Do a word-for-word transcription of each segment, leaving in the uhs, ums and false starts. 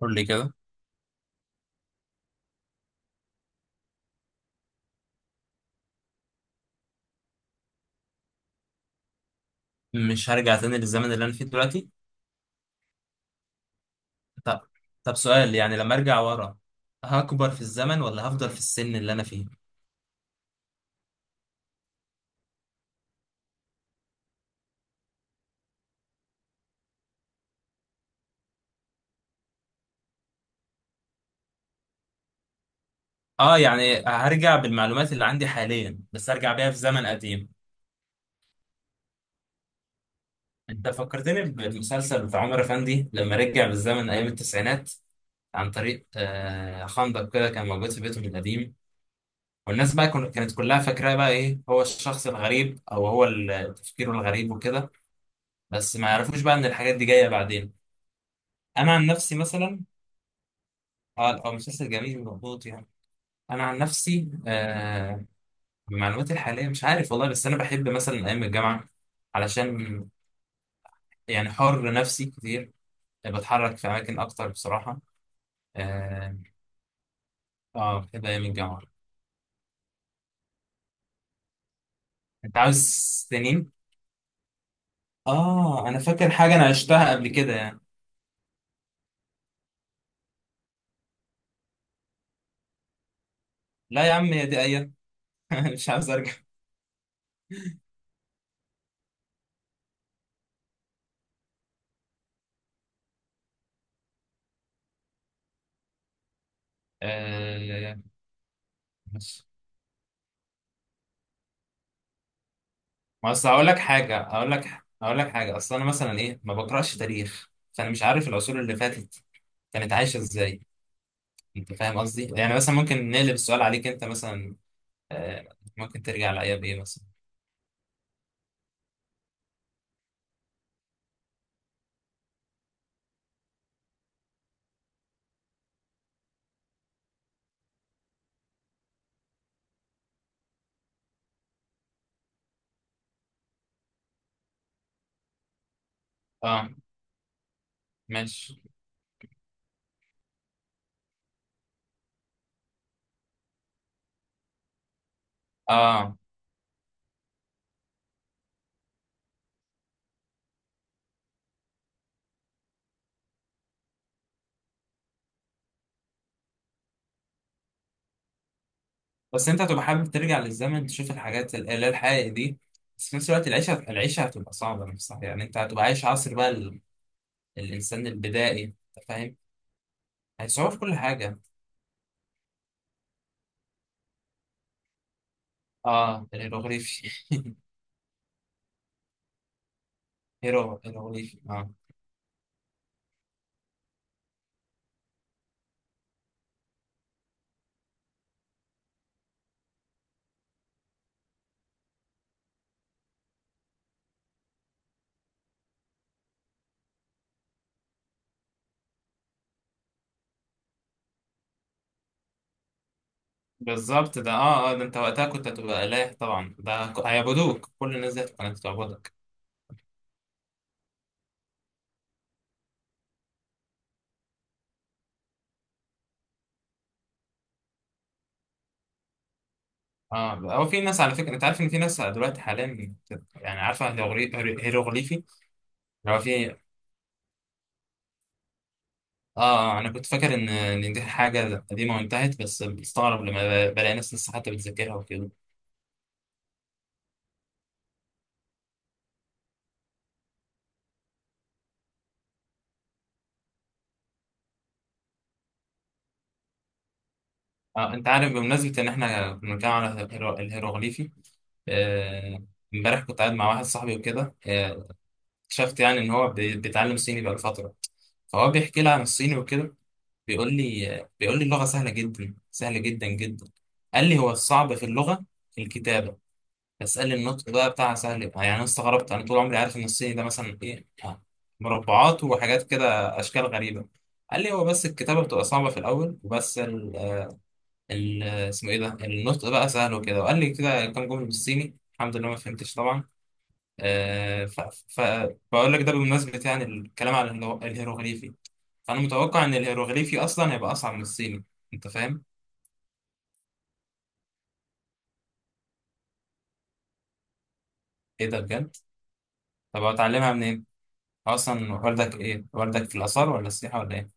قول لي كده. مش هرجع تاني للزمن اللي انا فيه دلوقتي. طب طب، سؤال يعني، لما ارجع ورا هكبر في الزمن ولا هفضل في السن اللي انا فيه؟ اه، يعني هرجع بالمعلومات اللي عندي حاليا بس ارجع بيها في زمن قديم. انت فكرتني بالمسلسل بتاع عمر افندي لما رجع بالزمن ايام التسعينات، عن طريق آه خندق كده كان موجود في بيته القديم. والناس بقى كن- كانت كلها فاكراه بقى ايه هو الشخص الغريب، او هو ال- تفكيره الغريب وكده. بس ما يعرفوش بقى ان الحاجات دي جايه بعدين. انا عن نفسي مثلا. اه، هو مسلسل جميل ومظبوط يعني. انا عن نفسي. آه بمعلوماتي الحاليه مش عارف والله، بس انا بحب مثلا ايام الجامعه، علشان يعني حر نفسي كتير، بتحرك في اماكن اكتر بصراحه. اه. آه، بحب ايام الجامعه. انت عاوز سنين. اه انا فاكر حاجه انا عشتها قبل كده يعني. لا يا عم، هي دي ايام. مش عاوز ارجع. آه، ماشي. ما اصل هقول لك حاجه، هقول لك هقول لك حاجه. اصل انا مثلا ايه، ما بقراش تاريخ، فانا مش عارف العصور اللي فاتت كانت عايشه ازاي. انت فاهم قصدي؟ يعني مثلا ممكن نقلب السؤال عليك انت مثلا. آه، ممكن ترجع لايام ايه مثلا؟ اه، ماشي. اه، بس انت هتبقى حابب ترجع للزمن تشوف الحاجات ال- اللي هي الحقيقة دي. بس في نفس الوقت العيشة العيشة هتبقى صعبة نفسها، يعني انت هتبقى عايش عصر بقى ال... الانسان البدائي. انت فاهم، هيصعب في كل حاجة. اه، الهيروغليفي. هيرو هيروغليفي، اه. بالظبط ده. اه اه ده انت وقتها كنت هتبقى اله طبعا، ده ك- هيعبدوك، كل الناس دي كانت هتعبدك. اه، هو في ناس، على فكره، انت عارف ان في ناس دلوقتي حاليا بت- يعني عارفه هيروغلي- هيرو- هيروغليفي، اللي هو في. اه. آه، انا كنت فاكر ان ان دي حاجه قديمه وانتهت، بس بستغرب لما ب- بلاقي ناس لسه حتى بتذاكرها وكده. اه، انت عارف، بمناسبه ان احنا بنتكلم على الهيرو- الهيروغليفي، آه، امبارح كنت قاعد مع واحد صاحبي وكده، آه، اكتشفت يعني ان هو بي- بيتعلم صيني بقاله فتره. فهو بيحكي لي عن الصيني وكده. بيقول لي بيقول لي اللغه سهله جدا، سهله جدا جدا. قال لي هو الصعب في اللغه الكتابه. اسألني النطق بقى بتاع سهل يبقى. يعني انا استغربت، انا طول عمري عارف ان الصيني ده مثلا ايه، آه، مربعات وحاجات كده، اشكال غريبة. قال لي هو بس الكتابة بتبقى صعبة في الاول، وبس ال ال اسمه ايه ده، النطق بقى سهل وكده. وقال لي كده كام جملة بالصيني، الحمد لله ما فهمتش طبعا. آه ف ف بقول لك ده بمناسبة يعني الكلام عن الهيرو- الهيروغليفي. فانا متوقع ان الهيروغليفي اصلا هيبقى اصعب من الصيني. انت فاهم؟ ايه ده، بجد؟ طب اتعلمها منين؟ اصلا والدك ايه، والدك في الاثار ولا السياحة ولا ايه؟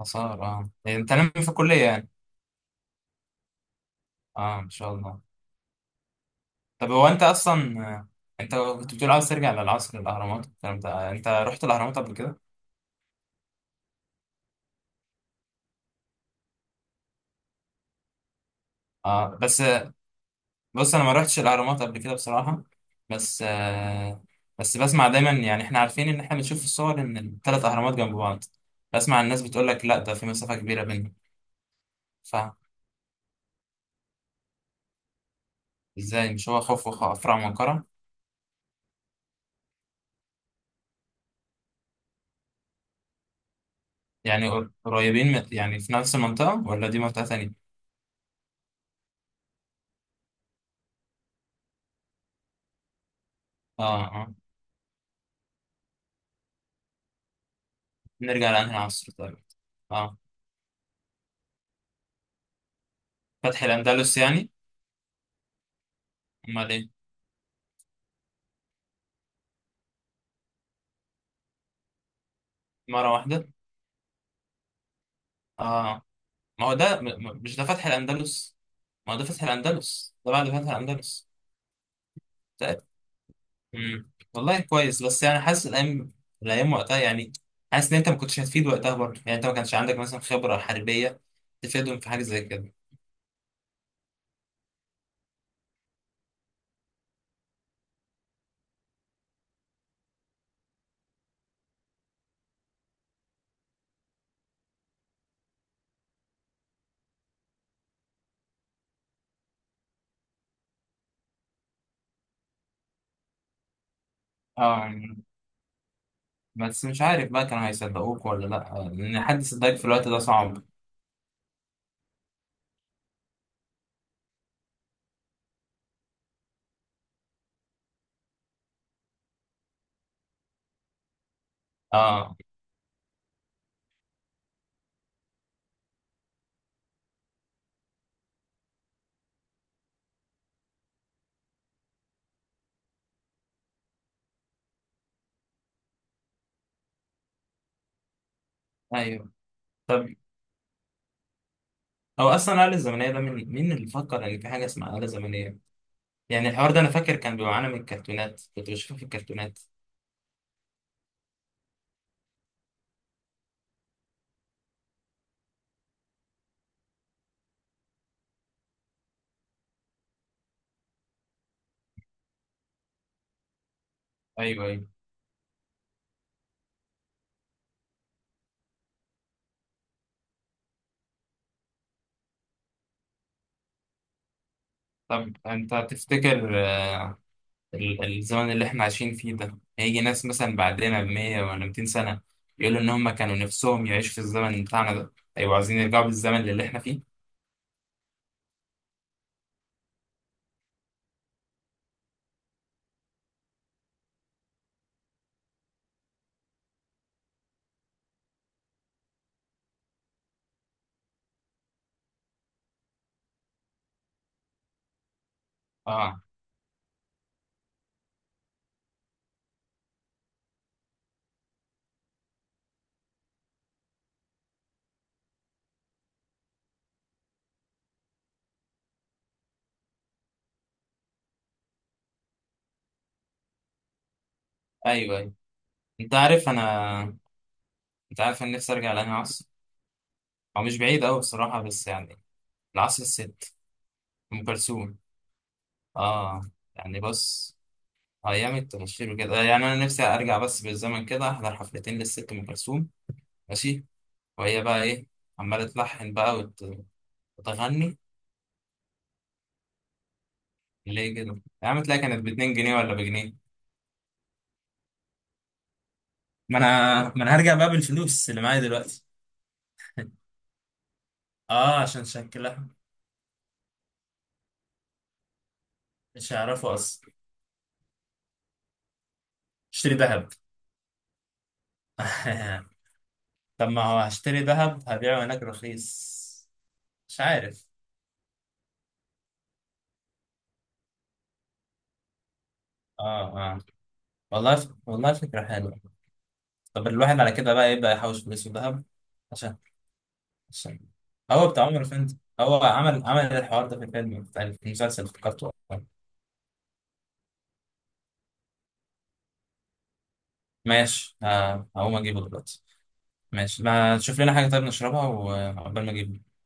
آثار، اه. يعني انت ناوي في الكلية يعني. اه، ان شاء الله. طب هو انت اصلا، آه، انت كنت بتقول عاوز ترجع للعصر الاهرامات الكلام ده. آه، انت رحت الاهرامات قبل كده؟ اه. بس آه، بص انا ما رحتش الاهرامات قبل كده بصراحة. بس آه بس بسمع دايما، يعني احنا عارفين ان احنا بنشوف في الصور ان الثلاث اهرامات جنب بعض، بسمع الناس بتقول لك لا، ده في مسافة كبيرة بينهم. فازاي؟ مش هو خوف وخفرع ومنقرع؟ يعني قر- قريبين من- يعني في نفس المنطقة ولا دي منطقة تانية؟ اه، اه. نرجع لأنهي عصر طيب؟ اه، فتح الأندلس يعني؟ أمال إيه؟ مرة واحدة. آه. ما هو ده م- م- مش ده فتح الأندلس، ما هو ده فتح الأندلس، ده بعد فتح الأندلس. ده- مم. والله كويس، بس يعني حاسس الأيام، الأيام وقتها يعني، حاسس إن أنت ما كنتش هتفيد وقتها برضه، يعني أنت ما كانش عندك مثلا خبرة حربية تفيدهم في حاجة زي كده. آه، يعني بس مش عارف بقى كانوا هيصدقوك ولا لأ، لأن حد يصدقك في الوقت ده صعب. آه. أيوه. طب هو أصلا الآلة الزمنية ده، من مين اللي فكر إن في حاجة اسمها آلة زمنية؟ يعني الحوار ده انا فاكر كان بيبقى معانا من الكرتونات، كنت بشوفه في الكرتونات. ايوه، ايوه. طب انت تفتكر، آه، ال- الزمن اللي احنا عايشين فيه ده هيجي ناس مثلا بعدنا ب مية ولا ميتين سنة يقولوا ان هم كانوا نفسهم يعيشوا في الزمن بتاعنا ده، ايوه عايزين يرجعوا بالزمن اللي احنا فيه؟ اه، ايوه ايوه. انت عارف انا انت عارف انا نفسي ارجع لانهي عصر. هو مش بعيد قوي بصراحة، بس يعني، العصر الست ام كلثوم. اه، يعني بص، أيام التنشير وكده يعني، أنا نفسي أرجع بس بالزمن كده أحضر حفلتين للست أم كلثوم. ماشي. وهي بقى إيه، عمالة تلحن بقى وت- وتغني. ليه كده يا عم؟ تلاقي كانت باتنين جنيه ولا بجنيه؟ ما أنا ما أنا هرجع بقى بالفلوس اللي معايا دلوقتي. آه عشان شكلها مش هيعرفوا أصلا. اشتري ذهب. طب ما هو هشتري ذهب هبيعه هناك رخيص. مش عارف. اه، اه. والله ف... والله فكرة حلوة. طب الواحد على كده بقى يبدأ يحوش فلوس في ذهب. الصين. هو بتاع عمر فندي، هو عمل عمل الحوار ده في الفيلم بتاع في المسلسل، افتكرته والله. ماشي، ه- هقوم اجيبه دلوقتي. ماشي، ما تشوف لنا حاجة طيب نشربها وعقبال ما اجيبه.